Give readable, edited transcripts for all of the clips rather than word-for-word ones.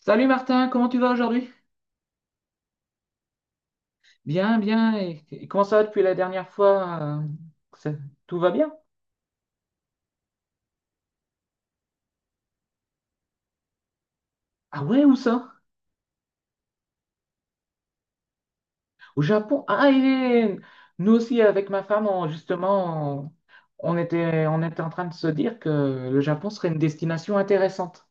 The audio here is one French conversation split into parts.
Salut Martin, comment tu vas aujourd'hui? Bien, bien. Et comment ça va depuis la dernière fois? Ça- Tout va bien? Ah ouais, où ça? Au Japon. Ah, et nous aussi avec ma femme, justement, on était en train de se dire que le Japon serait une destination intéressante.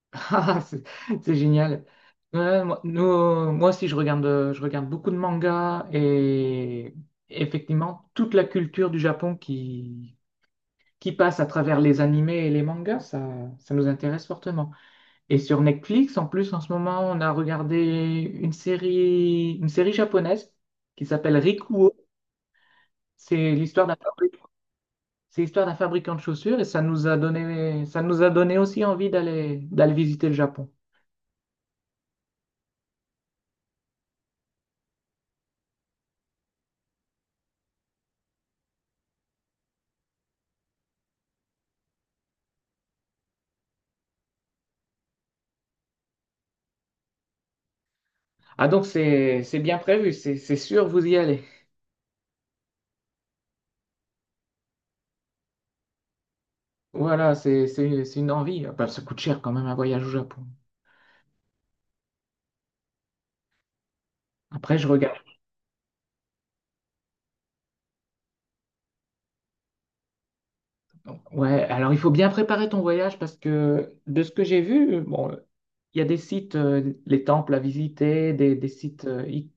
Ah, c'est génial. Ouais, moi, moi aussi, je regarde beaucoup de mangas et effectivement toute la culture du Japon qui passe à travers les animés et les mangas, ça nous intéresse fortement. Et sur Netflix, en plus, en ce moment, on a regardé une série japonaise qui s'appelle Rikuo. C'est l'histoire d'un fabri- c'est l'histoire d'un fabricant de chaussures et ça nous a donné aussi envie d'aller visiter le Japon. Ah donc c'est bien prévu, c'est sûr, vous y allez. Voilà, c'est une envie. Ah, bah, ça coûte cher quand même un voyage au Japon. Après, je regarde. Ouais, alors il faut bien préparer ton voyage parce que de ce que j'ai vu, bon, il y a des sites, les temples à visiter, des sites,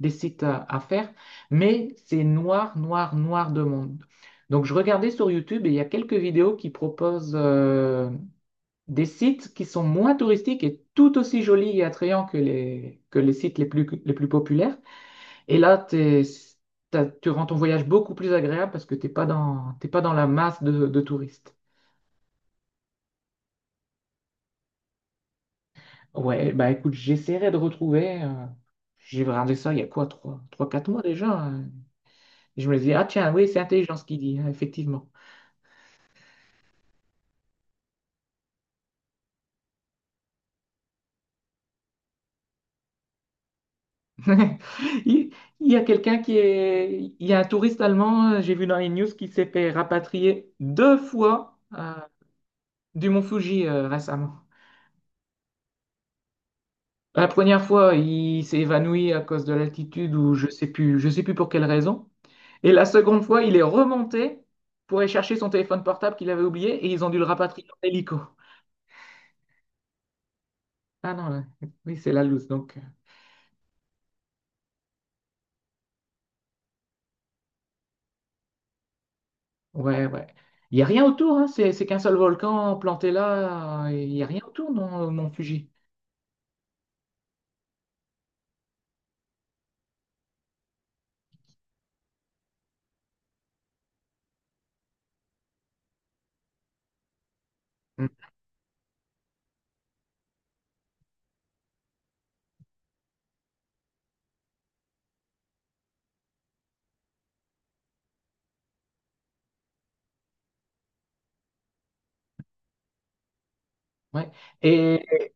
des sites à faire, mais c'est noir, noir, noir de monde. Donc je regardais sur YouTube et il y a quelques vidéos qui proposent des sites qui sont moins touristiques et tout aussi jolis et attrayants que les sites les plus populaires. Et là, tu rends ton voyage beaucoup plus agréable parce que t'es pas dans la masse de touristes. Ouais, bah écoute, j'essaierai de retrouver. J'ai regardé ça il y a quoi, trois 4 mois déjà, hein. Et je me dis, ah tiens, oui, c'est intelligent ce qu'il dit, hein, effectivement. Il, il y a quelqu'un qui est. Il y a un touriste allemand, j'ai vu dans les news, qui s'est fait rapatrier deux fois du mont Fuji récemment. La première fois, il s'est évanoui à cause de l'altitude ou je sais plus pour quelle raison. Et la seconde fois, il est remonté pour aller chercher son téléphone portable qu'il avait oublié et ils ont dû le rapatrier en hélico. Ah non, là, oui, c'est la loose, donc. Ouais, ouais. Il n'y a rien autour, hein, c'est qu'un seul volcan planté là, il n'y a rien autour, non, mon Fuji. Mm. Ouais. Et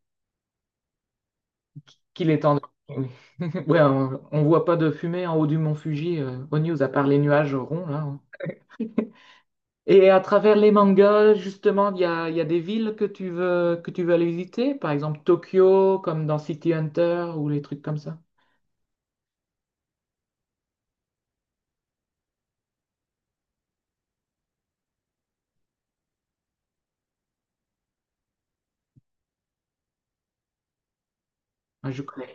qu'il est en... oui. Ouais, on ne voit pas de fumée en haut du mont Fuji, aux news, à part les nuages ronds, là, hein. Et à travers les mangas, justement, il y a des villes que tu veux aller visiter, par exemple Tokyo, comme dans City Hunter, ou les trucs comme ça. Ah, je connais.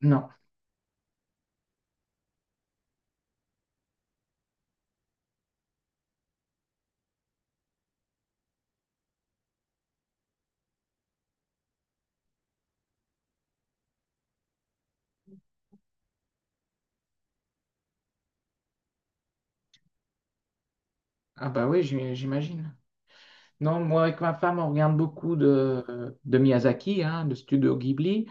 Non. Ah bah oui, j'imagine. Non, moi avec ma femme, on regarde beaucoup de Miyazaki, hein, de Studio Ghibli.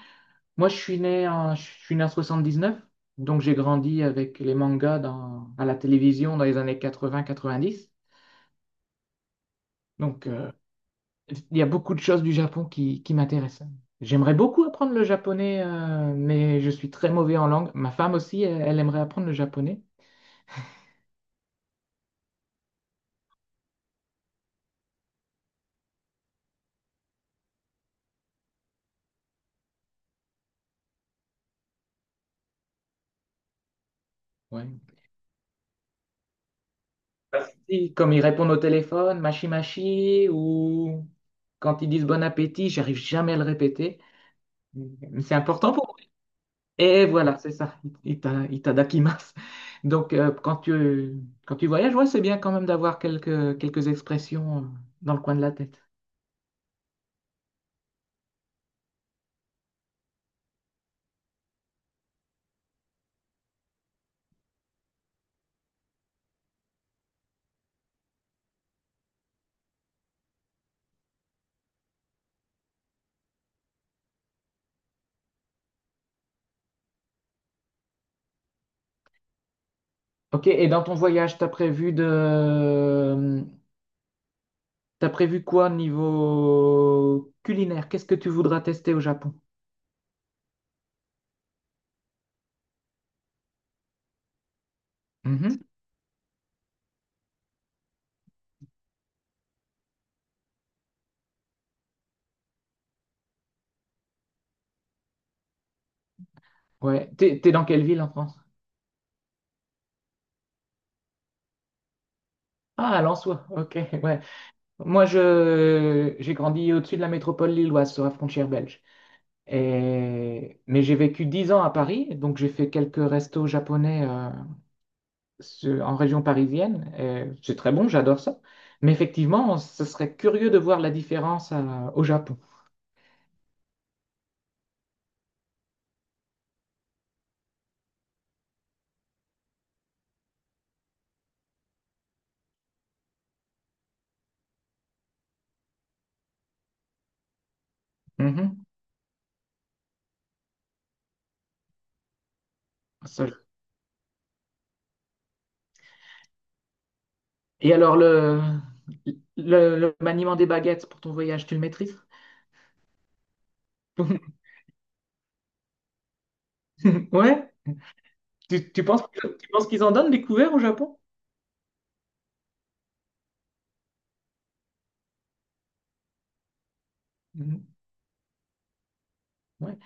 Moi, je suis né en 79, donc j'ai grandi avec les mangas à la télévision dans les années 80-90. Donc, il y a beaucoup de choses du Japon qui m'intéressent. J'aimerais beaucoup apprendre le japonais, mais je suis très mauvais en langue. Ma femme aussi, elle aimerait apprendre le japonais. Ouais. Et comme ils répondent au téléphone, mashi mashi, ou quand ils disent bon appétit, j'arrive jamais à le répéter. C'est important pour vous. Et voilà, c'est ça, itadakimasu. Donc, quand tu voyages, ouais, c'est bien quand même d'avoir quelques expressions dans le coin de la tête. Ok, et dans ton voyage, t'as prévu quoi niveau culinaire? Qu'est-ce que tu voudras tester au Japon? Mhm. Ouais, t'es dans quelle ville en France? Ah, à Lensois, ok, ouais. Moi, j'ai grandi au-dessus de la métropole lilloise, sur la frontière belge. Mais j'ai vécu 10 ans à Paris, donc j'ai fait quelques restos japonais en région parisienne. Et c'est très bon, j'adore ça. Mais effectivement, ce serait curieux de voir la différence au Japon. Mhm. Ça- Et alors, le maniement des baguettes pour ton voyage, tu le maîtrises? Ouais, tu penses qu'ils en donnent des couverts au Japon? Mhm. Ouais.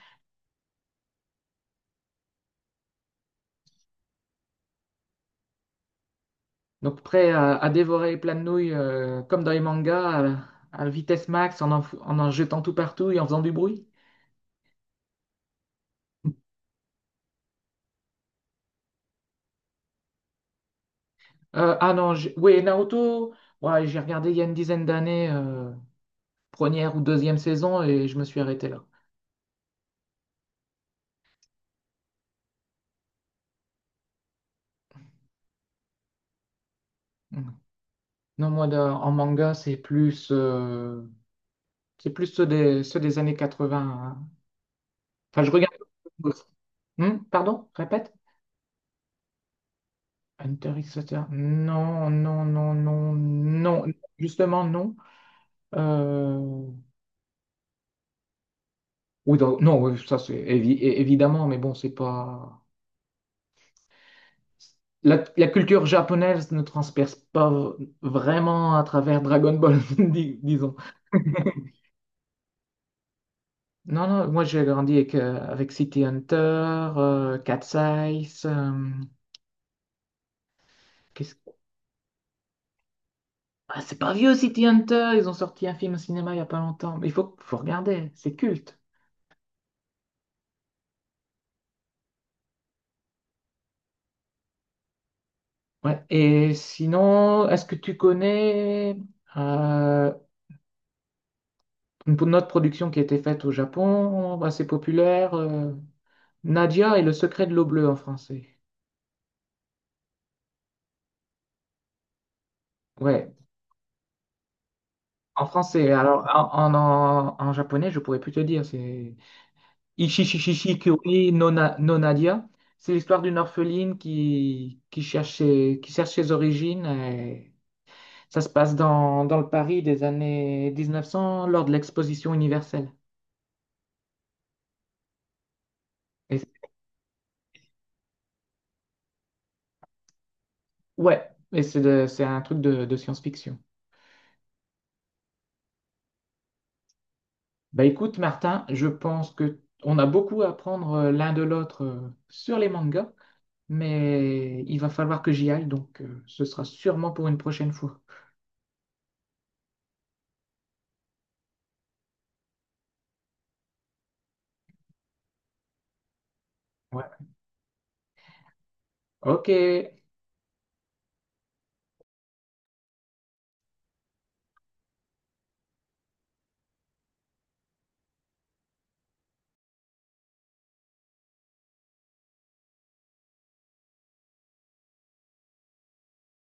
Donc prêt à dévorer plein de nouilles comme dans les mangas, à vitesse max, en en jetant tout partout et en faisant du bruit. Ah non, j'ai- Oui, Naruto, ouais, j'ai regardé il y a une dizaine d'années, première ou deuxième saison, et je me suis arrêté là. Mm. Non, moi, de- en manga, c'est plus ceux des années 80, hein. Enfin, je regarde. Pardon, répète. Hunter x Hunter. Non. Justement, non. Oui, ça c'est évidemment, mais bon, c'est pas. La culture japonaise ne transperce pas vraiment à travers Dragon Ball, disons. Non, non, moi j'ai grandi avec, avec City Hunter, Cat's Eyes. Qu'est-ce- Ah, c'est pas vieux City Hunter, ils ont sorti un film au cinéma il y a pas longtemps. Mais faut regarder, c'est culte. Ouais. Et sinon, est-ce que tu connais euh, une autre production qui a été faite au Japon, assez populaire. Nadia et le secret de l'eau bleue en français. Ouais, en français. Alors, en japonais, je pourrais plus te dire. C'est Ichi Kyori no, no Nadia. C'est l'histoire d'une orpheline qui cherche qui cherche ses origines. Et ça se passe dans le Paris des années 1900 lors de l'exposition universelle. Et, ouais, et c'est c'est un truc de science-fiction. Bah écoute, Martin, je pense que on a beaucoup à apprendre l'un de l'autre sur les mangas, mais il va falloir que j'y aille, donc ce sera sûrement pour une prochaine fois. Ouais. Ok,